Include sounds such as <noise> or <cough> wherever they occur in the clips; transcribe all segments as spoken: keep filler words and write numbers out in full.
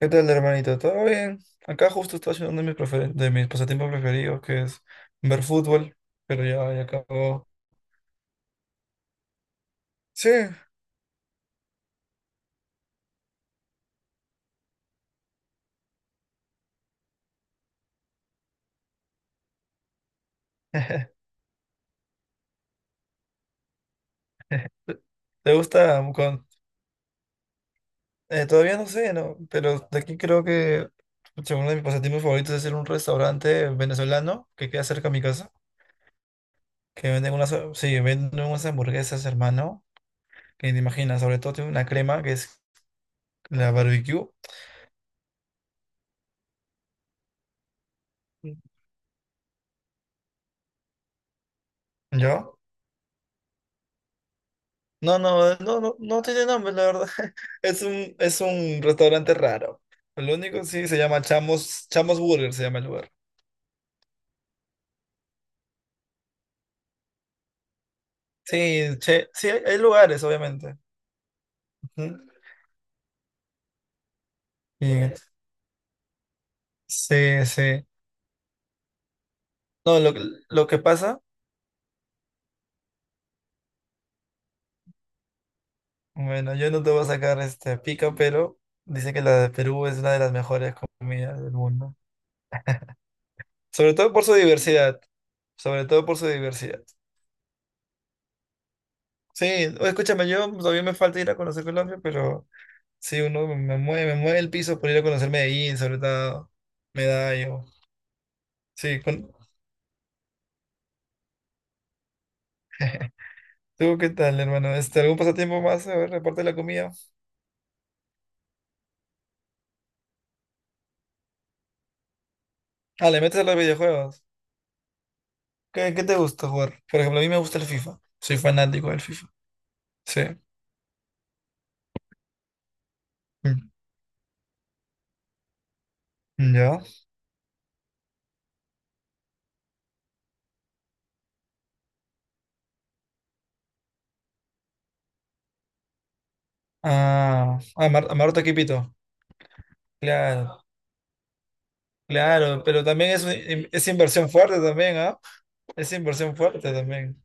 ¿Qué tal, hermanito? ¿Todo bien? Acá justo estoy haciendo uno de mis, prefer- de mis pasatiempos preferidos, que es ver fútbol, pero ya, ya acabó. Sí. <laughs> ¿Te gusta? Con... eh, todavía no sé, ¿no? Pero de aquí creo que pucha, uno de mis pasatiempos favoritos es ir a un restaurante venezolano que queda cerca de mi casa, que venden unas, sí, venden unas hamburguesas, hermano, que ni te imaginas, sobre todo tiene una crema que es la barbecue, ¿ya? No, no, no, no, no tiene nombre, la verdad. <laughs> Es un, es un restaurante raro. Lo único, sí, se llama Chamos, Chamos Burger, se llama el lugar. Sí, che, sí, hay, hay lugares, obviamente. Ujú. Y- sí, sí. No, lo, que- lo que pasa, bueno, yo no te voy a sacar este pica, pero dice que la de Perú es una de las mejores comidas del mundo. Sobre todo por su diversidad. Sobre todo por su diversidad. Sí, escúchame, yo pues, todavía me falta ir a conocer Colombia, pero. Sí, uno me mueve, me mueve el piso por ir a conocer Medellín, sobre todo Medallo. Sí, con... <laughs> ¿Tú qué tal, hermano? Este, ¿algún pasatiempo más? A ver, aparte de la comida. Ah, le metes a los videojuegos. ¿Qué, qué te gusta jugar? Por ejemplo, a mí me gusta el FIFA. Soy fanático del FIFA. Sí. Mm. ¿Ya? Ah, ah Mar- a Maroto Quipito. Claro, claro, pero también es, un- es inversión fuerte también, ¿ah? Es inversión fuerte también.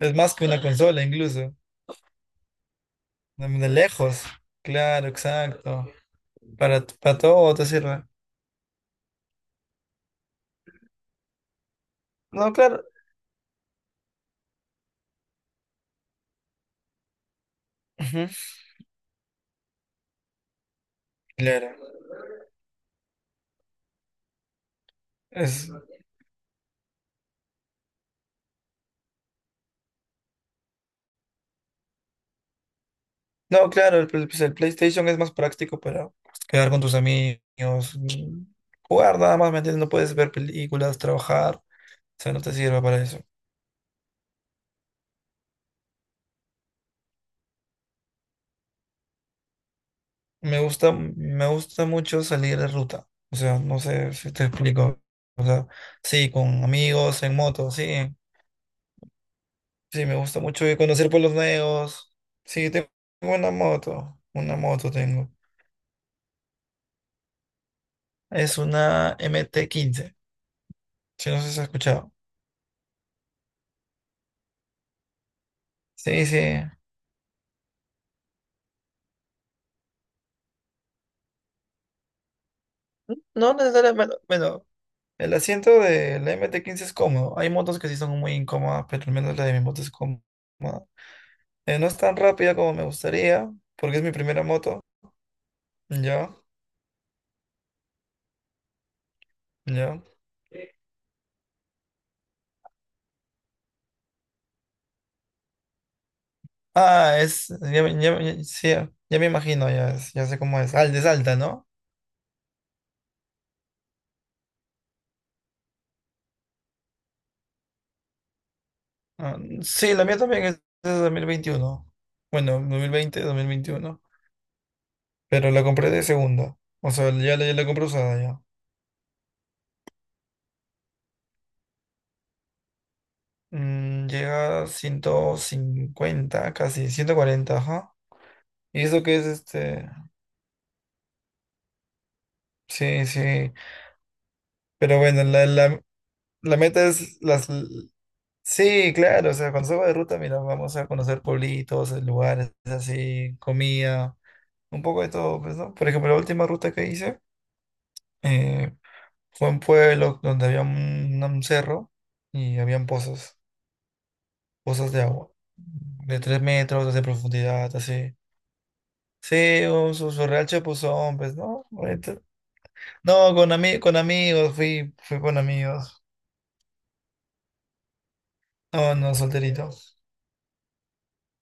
Es más que una consola incluso. De de lejos. Claro, exacto. Para, para todo te sirve. No, claro. Ujú. Claro. Es, no, claro, el, pl- pues el PlayStation es más práctico para quedar con tus amigos, mm, jugar nada más, ¿me entiendes? No puedes ver películas, trabajar, o sea, no te sirve para eso. Me gusta, me gusta mucho salir de ruta, o sea, no sé si te explico, o sea, sí, con amigos, en moto, sí, sí, me gusta mucho ir a conocer pueblos nuevos, sí, tengo una moto, una moto tengo, Es una M T quince. Sí, no sé si has escuchado. Sí, sí. No necesariamente, bueno, bueno. El asiento de del M T quince es cómodo. Hay motos que sí son muy incómodas, pero al menos la de mi moto es cómoda. Eh, no es tan rápida como me gustaría, porque es mi primera moto. Ya, ya. Ah, es. Ya, ya ya me- sí, ya me imagino, ya, es- ya sé cómo es. Ah, es alta, ¿no? Ah, sí, la mía también es de dos mil veintiuno. Bueno, dos dos mil veinte dos mil veintiuno Pero la compré de segunda. O sea, ya la, ya la compré usada. Mm, llega a ciento cincuenta, casi ciento cuarenta, ajá. Y eso que es este. Sí, sí. Pero bueno, la, la, la meta es las. Sí, claro, o sea, cuando salgo de ruta, mira, vamos a conocer pueblitos, eh, lugares así, comida, un poco de todo, pues, ¿no? Por ejemplo, la última ruta que hice eh, fue un pueblo donde había un, un cerro y habían pozos, pozos de agua, de tres metros de profundidad, así. Sí, o su, su real chapuzón, pues, ¿no? Ahorita- No, con, ami- con amigos, fui, fui con amigos. No, no, solterito.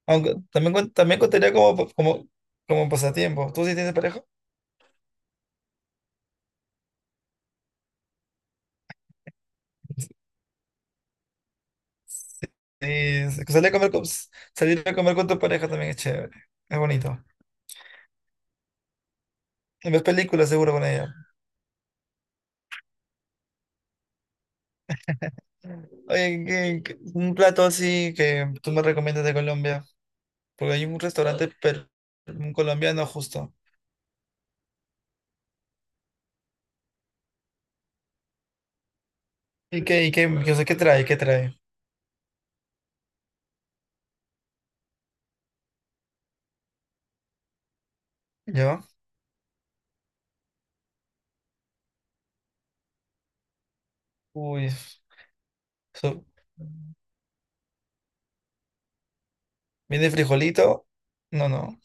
Aunque también, cuen- también contaría como, como, como pasatiempo. ¿Tú sí tienes pareja? Sí, sí, salir a comer con, salir a comer con tu pareja también es chévere. Es bonito. Y ves películas seguro con ella. Oye, ¿qué- qué- un plato así que tú me recomiendas de Colombia. Porque hay un restaurante per- un colombiano justo. ¿Y qué, y qué, qué, o sea, qué trae? ¿Qué trae? ¿Yo? Uy. So- ¿Viene frijolito? No, no.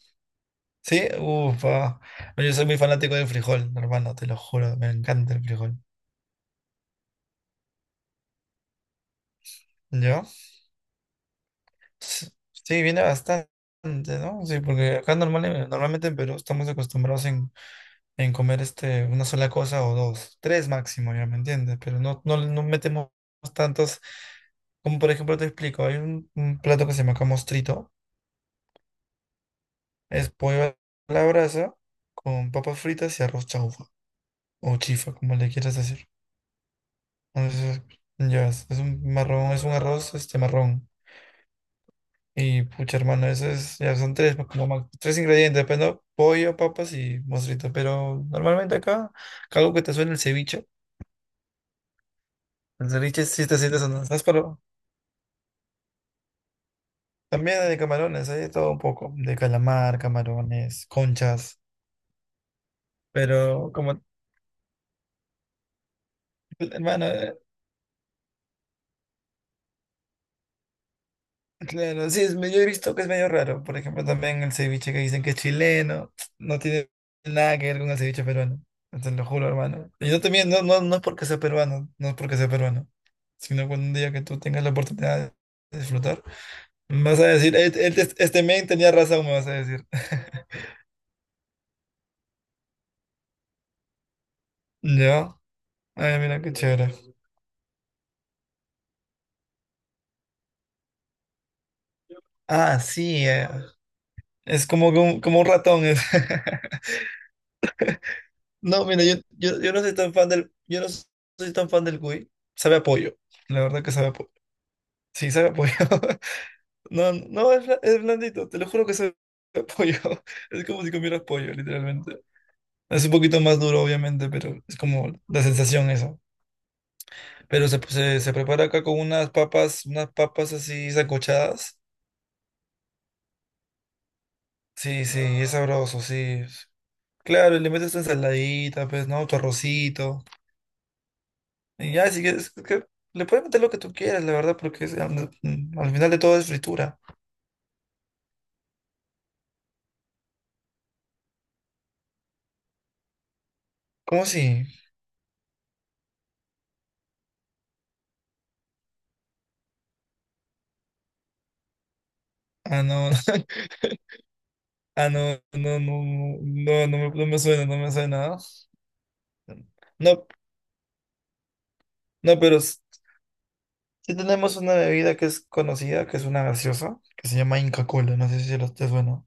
¿Sí? Ufa. No, yo soy muy fanático del frijol, hermano, te lo juro. Me encanta el frijol. ¿Yo? S- Sí, viene bastante, ¿no? Sí, porque acá normal- eh, normalmente en Perú estamos acostumbrados en, en comer este, una sola cosa o dos. Tres máximo, ya me entiendes. Pero no, no, no metemos tantos. Como por ejemplo te explico, hay un, un plato que se llama acá mostrito. Es pollo a la brasa con papas fritas y arroz chaufa, o chifa, como le quieras decir. Entonces, ya, es, es un marrón, es un arroz, este marrón. Y pucha, hermano, eso es, ya son tres, pues, como más- tres ingredientes, pues, ¿no? Pollo, papas y mostrito. Pero normalmente acá, acá algo que te suena, el ceviche. El ceviche sí te sientes, no, ¿sabes? Pero también hay de camarones, hay de todo un poco. De calamar, camarones, conchas. Pero como, hermano, claro, sí, es medio, yo he visto que es medio raro. Por ejemplo, también el ceviche que dicen que es chileno, no tiene nada que ver con el ceviche peruano. Te lo juro, hermano. Y yo también, no, no, no es porque sea peruano, no es porque sea peruano, sino cuando un día que tú tengas la oportunidad de disfrutar, vas a decir, este, este, este men tenía razón, me vas a decir. <laughs> ¿Yo? Ay, mira qué chévere. Ah, sí, eh, es como, que un- como un ratón. Es. <laughs> No, mira, yo, yo, yo no soy tan fan del, yo no soy tan fan del cuy. Sabe a pollo. La verdad que sabe a pollo. Sí, sabe a pollo. <laughs> No, no, es, bla- es blandito. Te lo juro que sabe a pollo. <laughs> Es como si comieras pollo, literalmente. Es un poquito más duro, obviamente, pero es como la sensación eso. Pero se, se, se prepara acá con unas papas, unas papas así sancochadas. Sí, sí, es sabroso, sí. Claro, y le metes tu ensaladita, pues, ¿no? Tu arrocito. Y ya, si quieres, es que le puedes meter lo que tú quieras, la verdad, porque es- al, al final de todo es fritura. ¿Cómo si? Ah, no, <laughs> ah, no, no, no, no, no, no me, no me suena, no me suena. No, no, no, pero s- sí tenemos una bebida que es conocida, que es una gaseosa, que se llama Inca Kola, no sé si lo te suena.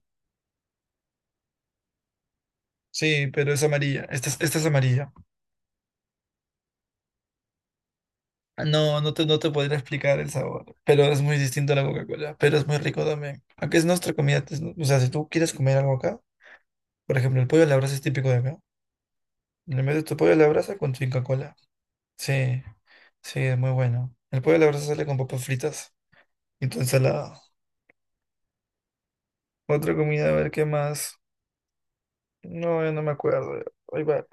Sí, pero es amarilla, esta es, esta es amarilla. Ah, no, no te, no te podría explicar el sabor, pero es muy distinto a la Coca-Cola, pero es muy rico también. Aunque es nuestra comida, es, o sea, si tú quieres comer algo acá. Por ejemplo, el pollo a la brasa es típico de acá. Le metes tu pollo a la brasa con tu Inca Kola. Sí, sí, es muy bueno. El pollo a la brasa sale con papas fritas y tu ensalada. Otra comida, a ver qué más. No, yo no me acuerdo. Ahí va.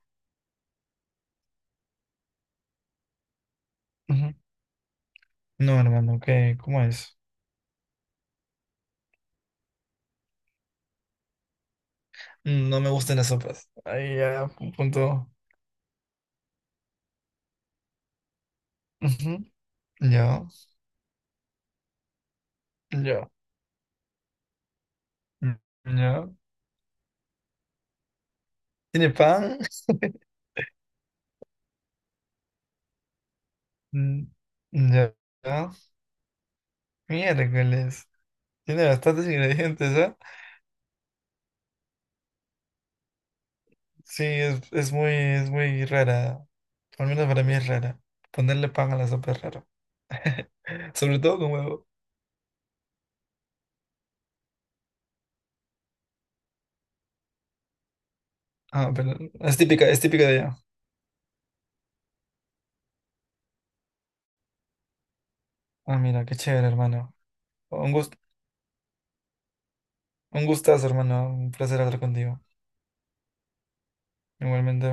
Ujú. No, hermano, ¿qué? ¿Cómo es? Mm, no me gustan las sopas. Ahí ya, pu- punto. Ujú. Ya, ya, mm, ya. ¿Tiene pan? <laughs> Mm, ya, ya. Miércoles. Tiene bastantes ingredientes, ah. Sí, es, es muy, es muy rara. Al menos para mí es rara. Ponerle pan a la sopa es raro. <laughs> Sobre todo con huevo. Ah, pero es típica, es típica de allá. Ah, mira, qué chévere, hermano. Un gust, un gustazo, hermano. Un placer hablar contigo. Igualmente.